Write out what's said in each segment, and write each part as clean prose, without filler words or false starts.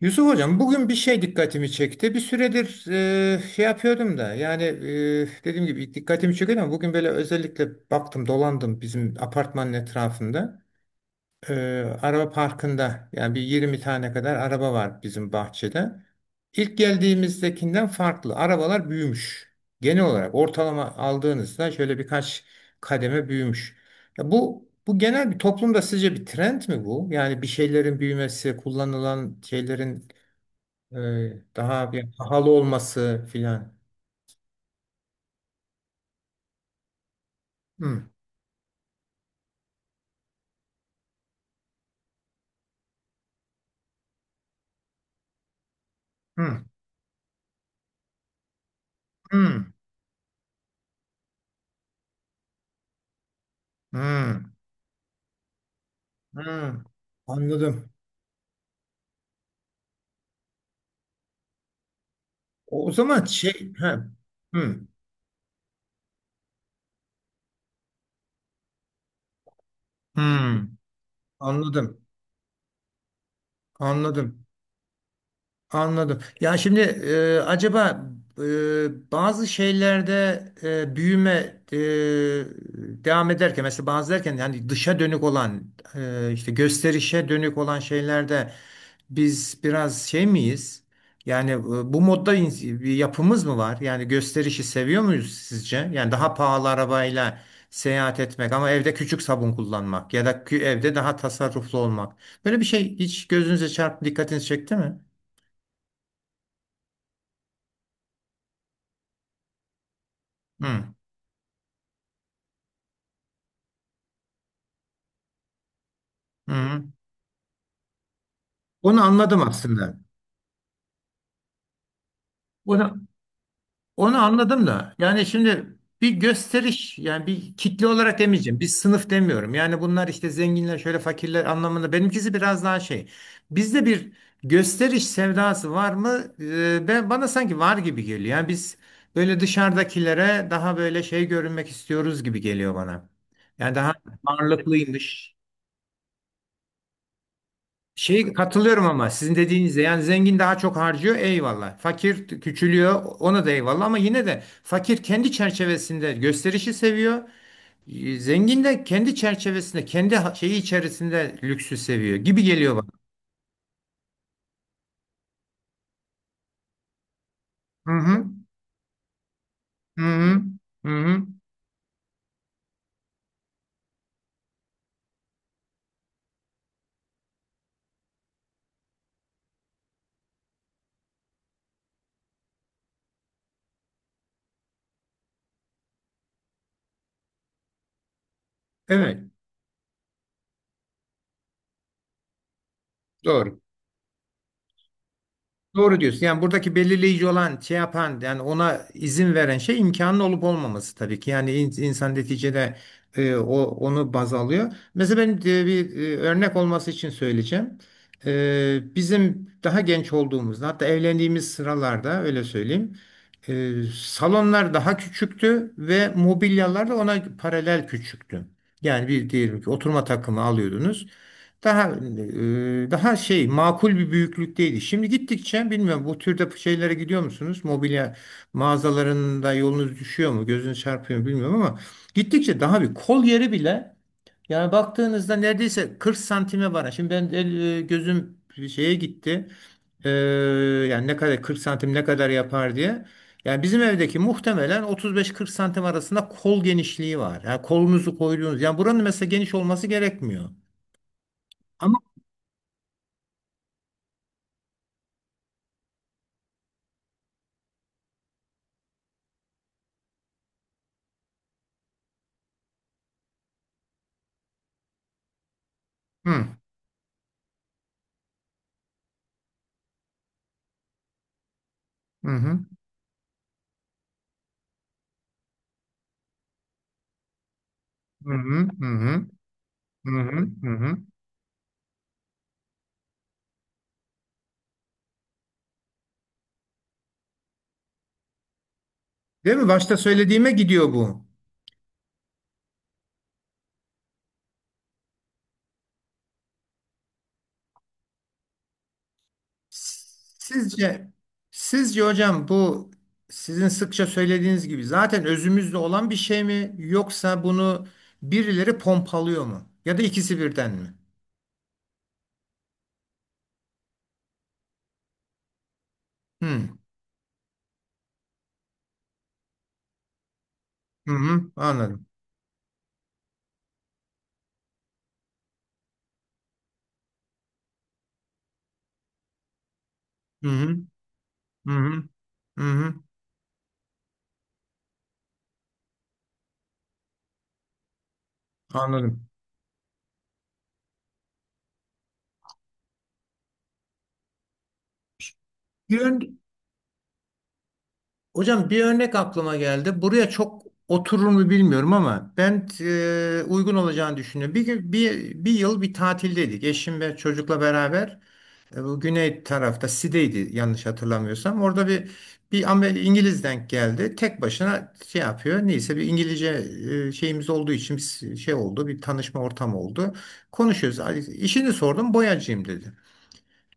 Yusuf Hocam bugün bir şey dikkatimi çekti. Bir süredir şey yapıyordum da yani dediğim gibi ilk dikkatimi çekiyordu ama bugün böyle özellikle baktım dolandım bizim apartmanın etrafında. E, Araba parkında yani bir 20 tane kadar araba var bizim bahçede. İlk geldiğimizdekinden farklı arabalar büyümüş. Genel olarak ortalama aldığınızda şöyle birkaç kademe büyümüş. Ya bu genel bir toplumda sizce bir trend mi bu? Yani bir şeylerin büyümesi, kullanılan şeylerin daha bir pahalı olması filan. Hmm. Hmm. Hmm. Hmm. Hmm. Anladım. O zaman şey, he, hmm. Hmm. Anladım, anladım. Anladım. Ya şimdi acaba bazı şeylerde büyüme devam ederken mesela bazı derken yani dışa dönük olan işte gösterişe dönük olan şeylerde biz biraz şey miyiz? Yani bu modda bir yapımız mı var? Yani gösterişi seviyor muyuz sizce? Yani daha pahalı arabayla seyahat etmek ama evde küçük sabun kullanmak ya da evde daha tasarruflu olmak. Böyle bir şey hiç gözünüze çarptı, dikkatinizi çekti mi? Hı. Hı. Onu anladım aslında. Onu, onu anladım da yani şimdi bir gösteriş yani bir kitle olarak demeyeceğim. Bir sınıf demiyorum. Yani bunlar işte zenginler şöyle fakirler anlamında. Benimkisi biraz daha şey. Bizde bir gösteriş sevdası var mı? Ben bana sanki var gibi geliyor. Yani biz böyle dışarıdakilere daha böyle şey görünmek istiyoruz gibi geliyor bana. Yani daha varlıklıymış. Şey katılıyorum ama sizin dediğinizde yani zengin daha çok harcıyor eyvallah. Fakir küçülüyor ona da eyvallah ama yine de fakir kendi çerçevesinde gösterişi seviyor. Zengin de kendi çerçevesinde kendi şeyi içerisinde lüksü seviyor gibi geliyor bana. Hı hı. Hı hı. Hı hı. Evet. Doğru. Doğru diyorsun. Yani buradaki belirleyici olan şey yapan yani ona izin veren şey imkanın olup olmaması tabii ki. Yani insan neticede onu baz alıyor. Mesela ben bir örnek olması için söyleyeceğim. Bizim daha genç olduğumuzda hatta evlendiğimiz sıralarda öyle söyleyeyim. Salonlar daha küçüktü ve mobilyalar da ona paralel küçüktü. Yani bir diyelim ki oturma takımı alıyordunuz. Daha daha şey makul bir büyüklükteydi. Şimdi gittikçe bilmiyorum bu türde şeylere gidiyor musunuz? Mobilya mağazalarında yolunuz düşüyor mu? Gözünüz çarpıyor mu bilmiyorum ama gittikçe daha bir kol yeri bile yani baktığınızda neredeyse 40 santime var. Şimdi ben el, gözüm şeye gitti. E, Yani ne kadar 40 santim ne kadar yapar diye. Yani bizim evdeki muhtemelen 35-40 santim arasında kol genişliği var. Yani kolunuzu koyduğunuz. Yani buranın mesela geniş olması gerekmiyor. Ama hı. Hı hı, hı hı, hı hı, hı hı, hı hı. Değil mi? Başta söylediğime gidiyor bu. Sizce, sizce hocam bu sizin sıkça söylediğiniz gibi zaten özümüzde olan bir şey mi yoksa bunu birileri pompalıyor mu? Ya da ikisi birden mi? Hı hı, hı, anladım. Hı hı, hı hı, hı hı, anladım. Bir, ön- Hocam bir örnek aklıma geldi. Buraya çok oturur mu bilmiyorum ama ben uygun olacağını düşünüyorum. Bir yıl bir tatildeydik. Eşim ve çocukla beraber bu güney tarafta Side'ydi yanlış hatırlamıyorsam. Orada bir İngiliz denk geldi. Tek başına şey yapıyor. Neyse bir İngilizce şeyimiz olduğu için biz şey oldu. Bir tanışma ortamı oldu. Konuşuyoruz. "Ay, İşini sordum. Boyacıyım dedi.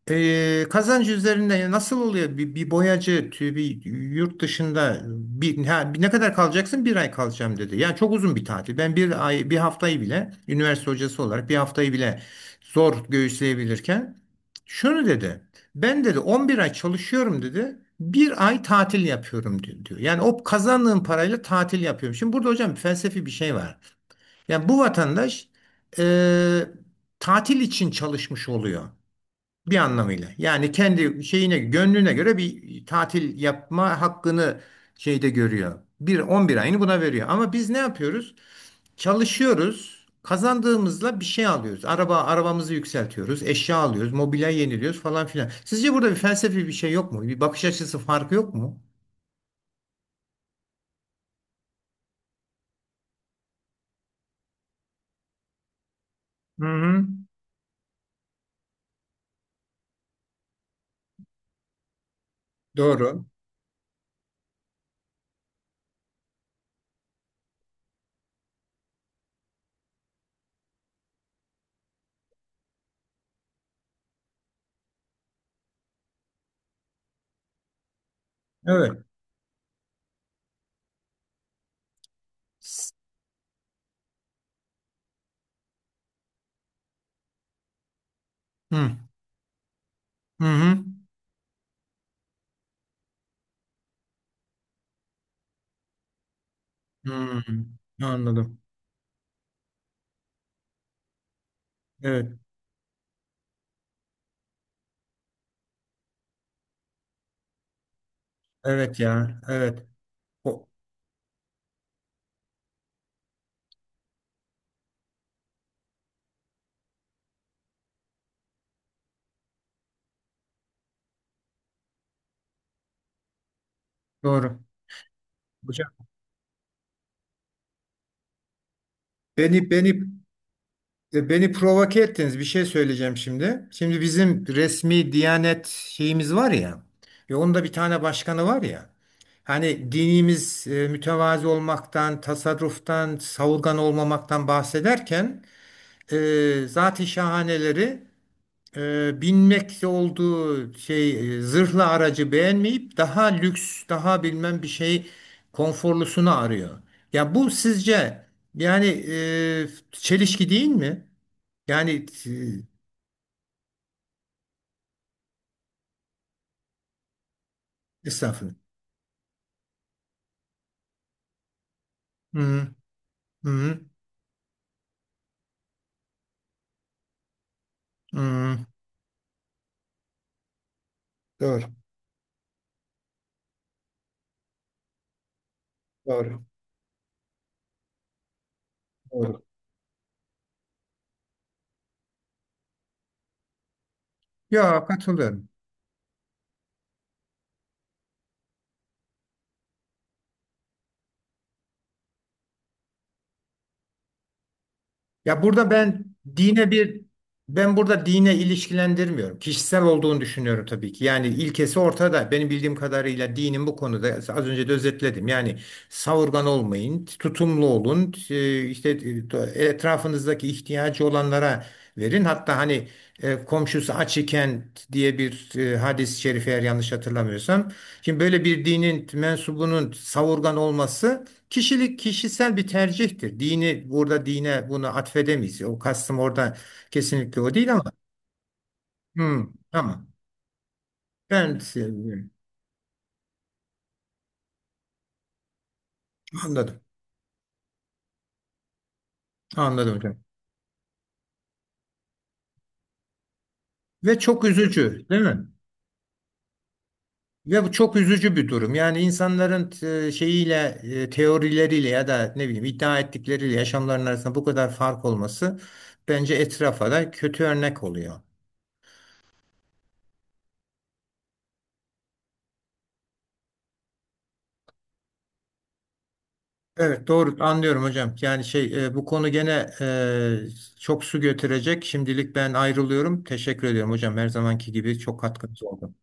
Kazancı üzerinde nasıl oluyor? Bir boyacı bir yurt dışında bir, ha, bir- ne kadar kalacaksın? Bir ay kalacağım dedi. Yani çok uzun bir tatil. Ben bir ay, bir haftayı bile üniversite hocası olarak bir haftayı bile zor göğüsleyebilirken şunu dedi. Ben dedi 11 ay çalışıyorum dedi. Bir ay tatil yapıyorum diyor. Yani o kazandığım parayla tatil yapıyorum. Şimdi burada hocam felsefi bir şey var. Yani bu vatandaş e, tatil için çalışmış oluyor. Bir anlamıyla. Yani kendi şeyine, gönlüne göre bir tatil yapma hakkını şeyde görüyor. Bir 11 ayını buna veriyor. Ama biz ne yapıyoruz? Çalışıyoruz. Kazandığımızla bir şey alıyoruz. Araba, arabamızı yükseltiyoruz. Eşya alıyoruz. Mobilya yeniliyoruz falan filan. Sizce burada bir felsefi bir şey yok mu? Bir bakış açısı farkı yok mu? Hı hı. Doğru. Evet. Hı hı. Hı. Hı. Anladım. Evet. Evet ya. Evet. O, doğru. Hocam beni beni provoke ettiniz. Bir şey söyleyeceğim şimdi. Şimdi bizim resmi Diyanet şeyimiz var ya. Ve onun da bir tane başkanı var ya. Hani dinimiz mütevazi olmaktan, tasarruftan, savurgan olmamaktan bahsederken e, zat-ı şahaneleri binmekte olduğu şey zırhlı aracı beğenmeyip daha lüks, daha bilmem bir şey konforlusunu arıyor. Ya bu sizce yani çelişki değil mi? Yani e, estağfurullah. Hı hı, hı hı. Hı. Doğru, doğru, doğru. Ya katılıyorum. Ya burada dine bir ben burada dine ilişkilendirmiyorum. Kişisel olduğunu düşünüyorum tabii ki. Yani ilkesi ortada. Benim bildiğim kadarıyla dinin bu konuda az önce de özetledim. Yani savurgan olmayın, tutumlu olun. İşte etrafınızdaki ihtiyacı olanlara verin. Hatta hani komşusu aç iken diye bir hadis-i şerif eğer yanlış hatırlamıyorsam. Şimdi böyle bir dinin mensubunun savurgan olması kişilik kişisel bir tercihtir. Dini burada dine bunu atfedemeyiz. O kastım orada kesinlikle o değil ama hmm, tamam. Ben seviyorum. Anladım. Anladım hocam. Ve çok üzücü, değil mi? Ve bu çok üzücü bir durum. Yani insanların şeyiyle, teorileriyle ya da ne bileyim iddia ettikleriyle yaşamların arasında bu kadar fark olması bence etrafa da kötü örnek oluyor. Evet doğru anlıyorum hocam. Yani şey bu konu gene çok su götürecek. Şimdilik ben ayrılıyorum. Teşekkür ediyorum hocam. Her zamanki gibi çok katkınız oldu.